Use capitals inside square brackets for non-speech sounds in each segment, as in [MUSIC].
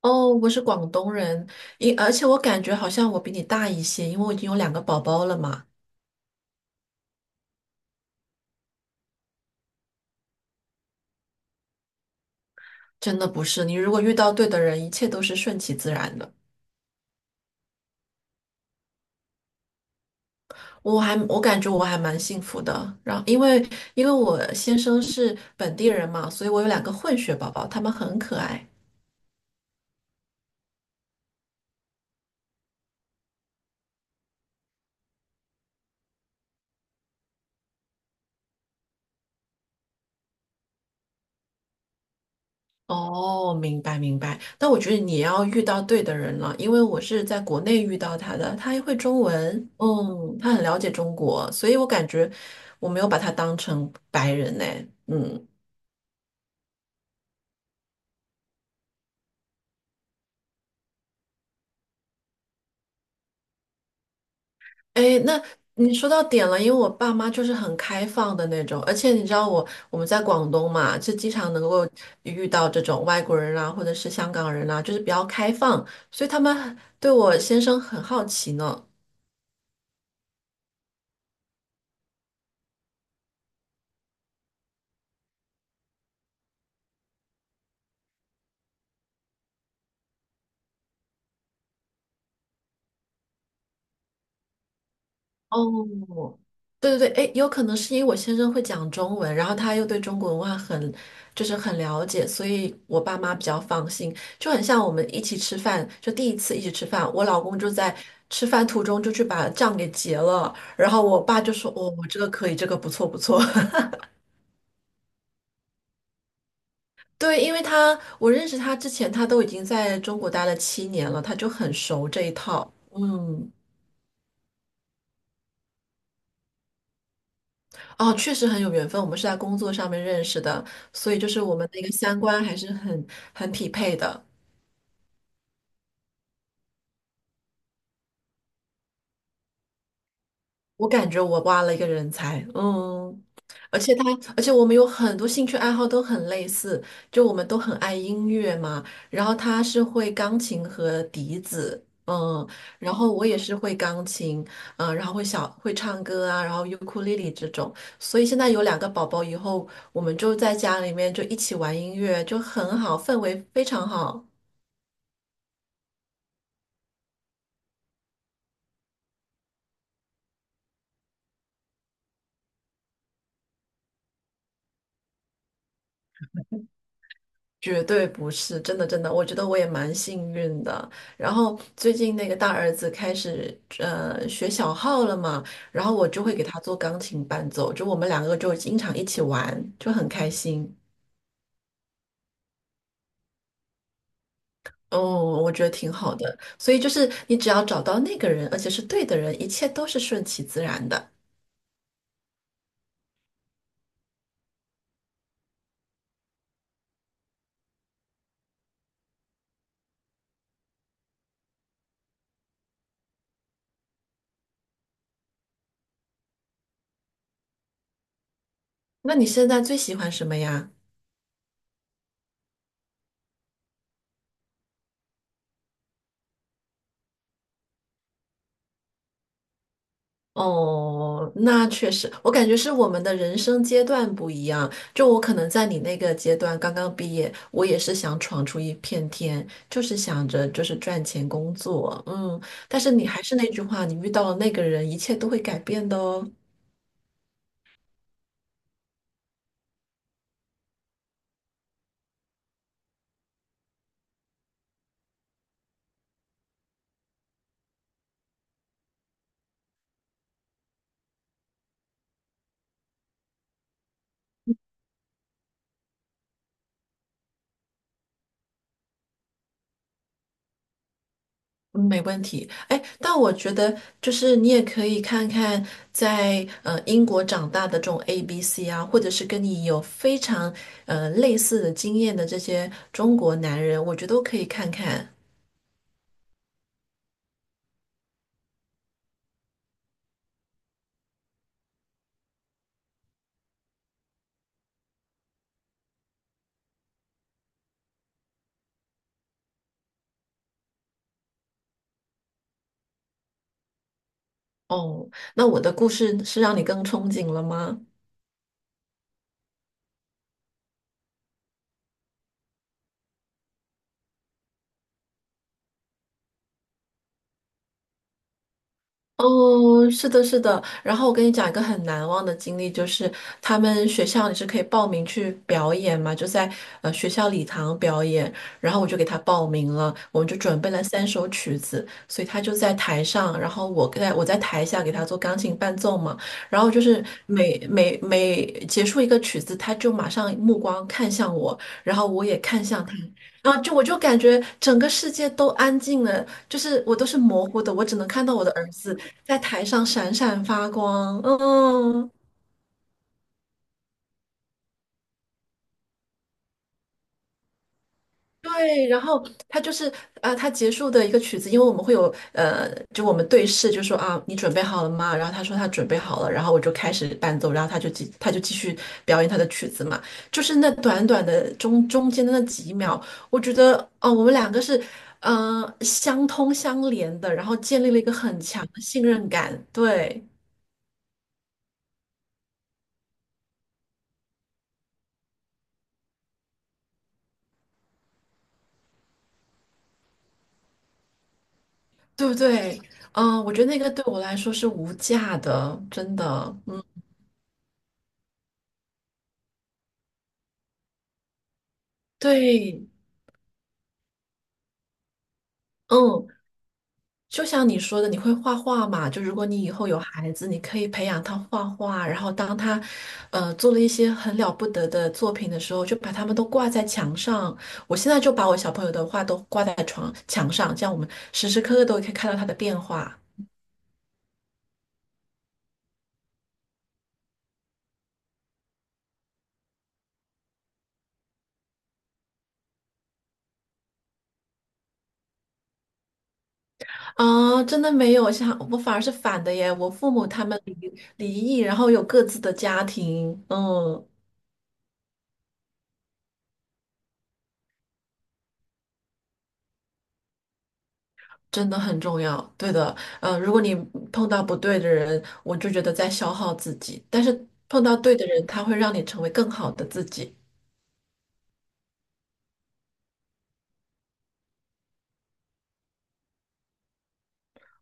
哦，我是广东人，而且我感觉好像我比你大一些，因为我已经有两个宝宝了嘛。真的不是，你如果遇到对的人，一切都是顺其自然的。我感觉我还蛮幸福的。然后因为我先生是本地人嘛，所以我有两个混血宝宝，他们很可爱。哦，明白明白，但我觉得你也要遇到对的人了，因为我是在国内遇到他的，他还会中文，嗯，他很了解中国，所以我感觉我没有把他当成白人呢，嗯。哎，那你说到点了，因为我爸妈就是很开放的那种，而且你知道我们在广东嘛，就经常能够遇到这种外国人啊，或者是香港人啊，就是比较开放，所以他们对我先生很好奇呢。哦，对对对。哎，有可能是因为我先生会讲中文，然后他又对中国文化很，就是很了解，所以我爸妈比较放心。就很像我们一起吃饭，就第一次一起吃饭，我老公就在吃饭途中就去把账给结了，然后我爸就说：“哦，我这个可以，这个不错不错。” [LAUGHS] 对，因为他我认识他之前，他都已经在中国待了七年了，他就很熟这一套。嗯。哦，确实很有缘分，我们是在工作上面认识的，所以就是我们的一个三观还是很匹配的。我感觉我挖了一个人才，嗯，而且他，而且我们有很多兴趣爱好都很类似，就我们都很爱音乐嘛。然后他是会钢琴和笛子，嗯，然后我也是会钢琴，嗯，然后会唱歌啊，然后尤克里里这种。所以现在有两个宝宝以后，我们就在家里面就一起玩音乐，就很好，氛围非常好。绝对不是，真的真的，我觉得我也蛮幸运的。然后最近那个大儿子开始学小号了嘛，然后我就会给他做钢琴伴奏，就我们两个就经常一起玩，就很开心。嗯，我觉得挺好的。所以就是你只要找到那个人，而且是对的人，一切都是顺其自然的。那你现在最喜欢什么呀？哦，那确实，我感觉是我们的人生阶段不一样。就我可能在你那个阶段刚刚毕业，我也是想闯出一片天，就是想着就是赚钱工作，嗯。但是你还是那句话，你遇到了那个人，一切都会改变的哦。嗯，没问题。哎，但我觉得就是你也可以看看在英国长大的这种 ABC 啊，或者是跟你有非常类似的经验的这些中国男人，我觉得都可以看看。哦，那我的故事是让你更憧憬了吗？哦，是的，是的。然后我跟你讲一个很难忘的经历，就是他们学校你是可以报名去表演嘛，就在学校礼堂表演。然后我就给他报名了，我们就准备了三首曲子，所以他就在台上，然后我在台下给他做钢琴伴奏嘛。然后就是每结束一个曲子，他就马上目光看向我，然后我也看向他。然后就我就感觉整个世界都安静了，就是我都是模糊的，我只能看到我的儿子。在台上闪闪发光，嗯，对，然后他就是呃，他结束的一个曲子，因为我们会有就我们对视，就说啊，你准备好了吗？然后他说他准备好了，然后我就开始伴奏，然后他就继续表演他的曲子嘛，就是那短短的中间的那几秒，我觉得哦，我们两个是相通相连的，然后建立了一个很强的信任感，对，对不对？嗯，我觉得那个对我来说是无价的，真的。对，嗯，就像你说的，你会画画嘛？就如果你以后有孩子，你可以培养他画画，然后当他，做了一些很了不得的作品的时候，就把他们都挂在墙上。我现在就把我小朋友的画都挂在床墙上，这样我们时时刻刻都可以看到他的变化。啊，真的没有，像我反而是反的耶。我父母他们离异，然后有各自的家庭，嗯。真的很重要，对的，如果你碰到不对的人，我就觉得在消耗自己，但是碰到对的人，他会让你成为更好的自己。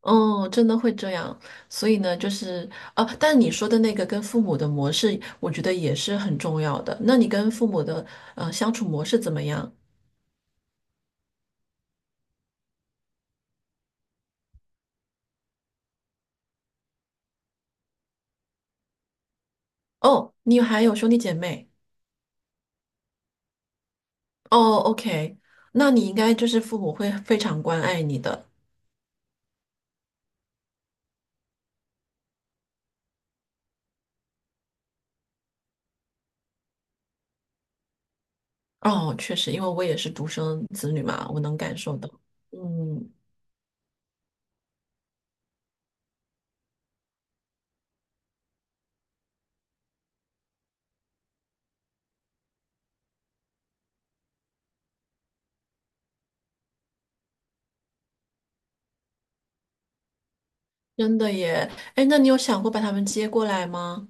哦，真的会这样，所以呢，就是哦，啊但你说的那个跟父母的模式，我觉得也是很重要的。那你跟父母的相处模式怎么样？哦，你还有兄弟姐妹？哦，OK，那你应该就是父母会非常关爱你的。哦，确实，因为我也是独生子女嘛，我能感受到。嗯。真的耶，哎，那你有想过把他们接过来吗？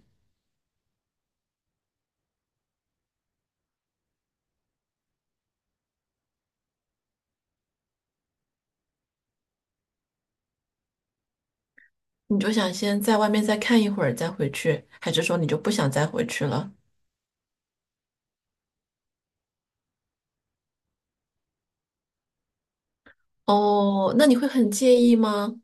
你就想先在外面再看一会儿再回去，还是说你就不想再回去了？哦，那你会很介意吗？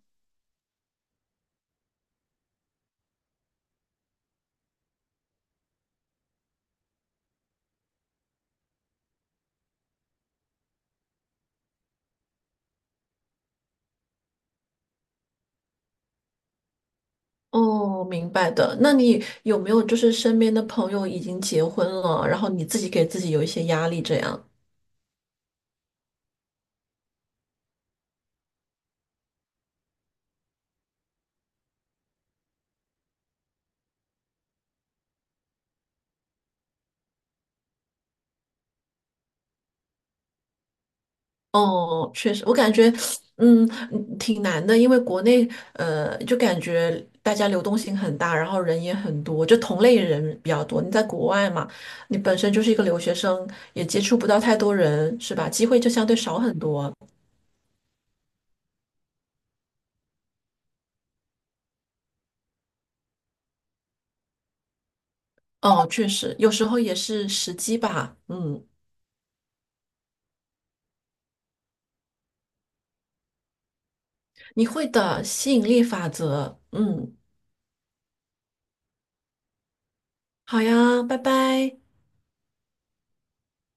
哦，明白的。那你有没有就是身边的朋友已经结婚了，然后你自己给自己有一些压力这样？哦，确实，我感觉，嗯，挺难的，因为国内，就感觉大家流动性很大，然后人也很多，就同类人比较多。你在国外嘛，你本身就是一个留学生，也接触不到太多人，是吧？机会就相对少很多。哦，确实，有时候也是时机吧。嗯，你会的，吸引力法则。嗯，好呀，拜拜。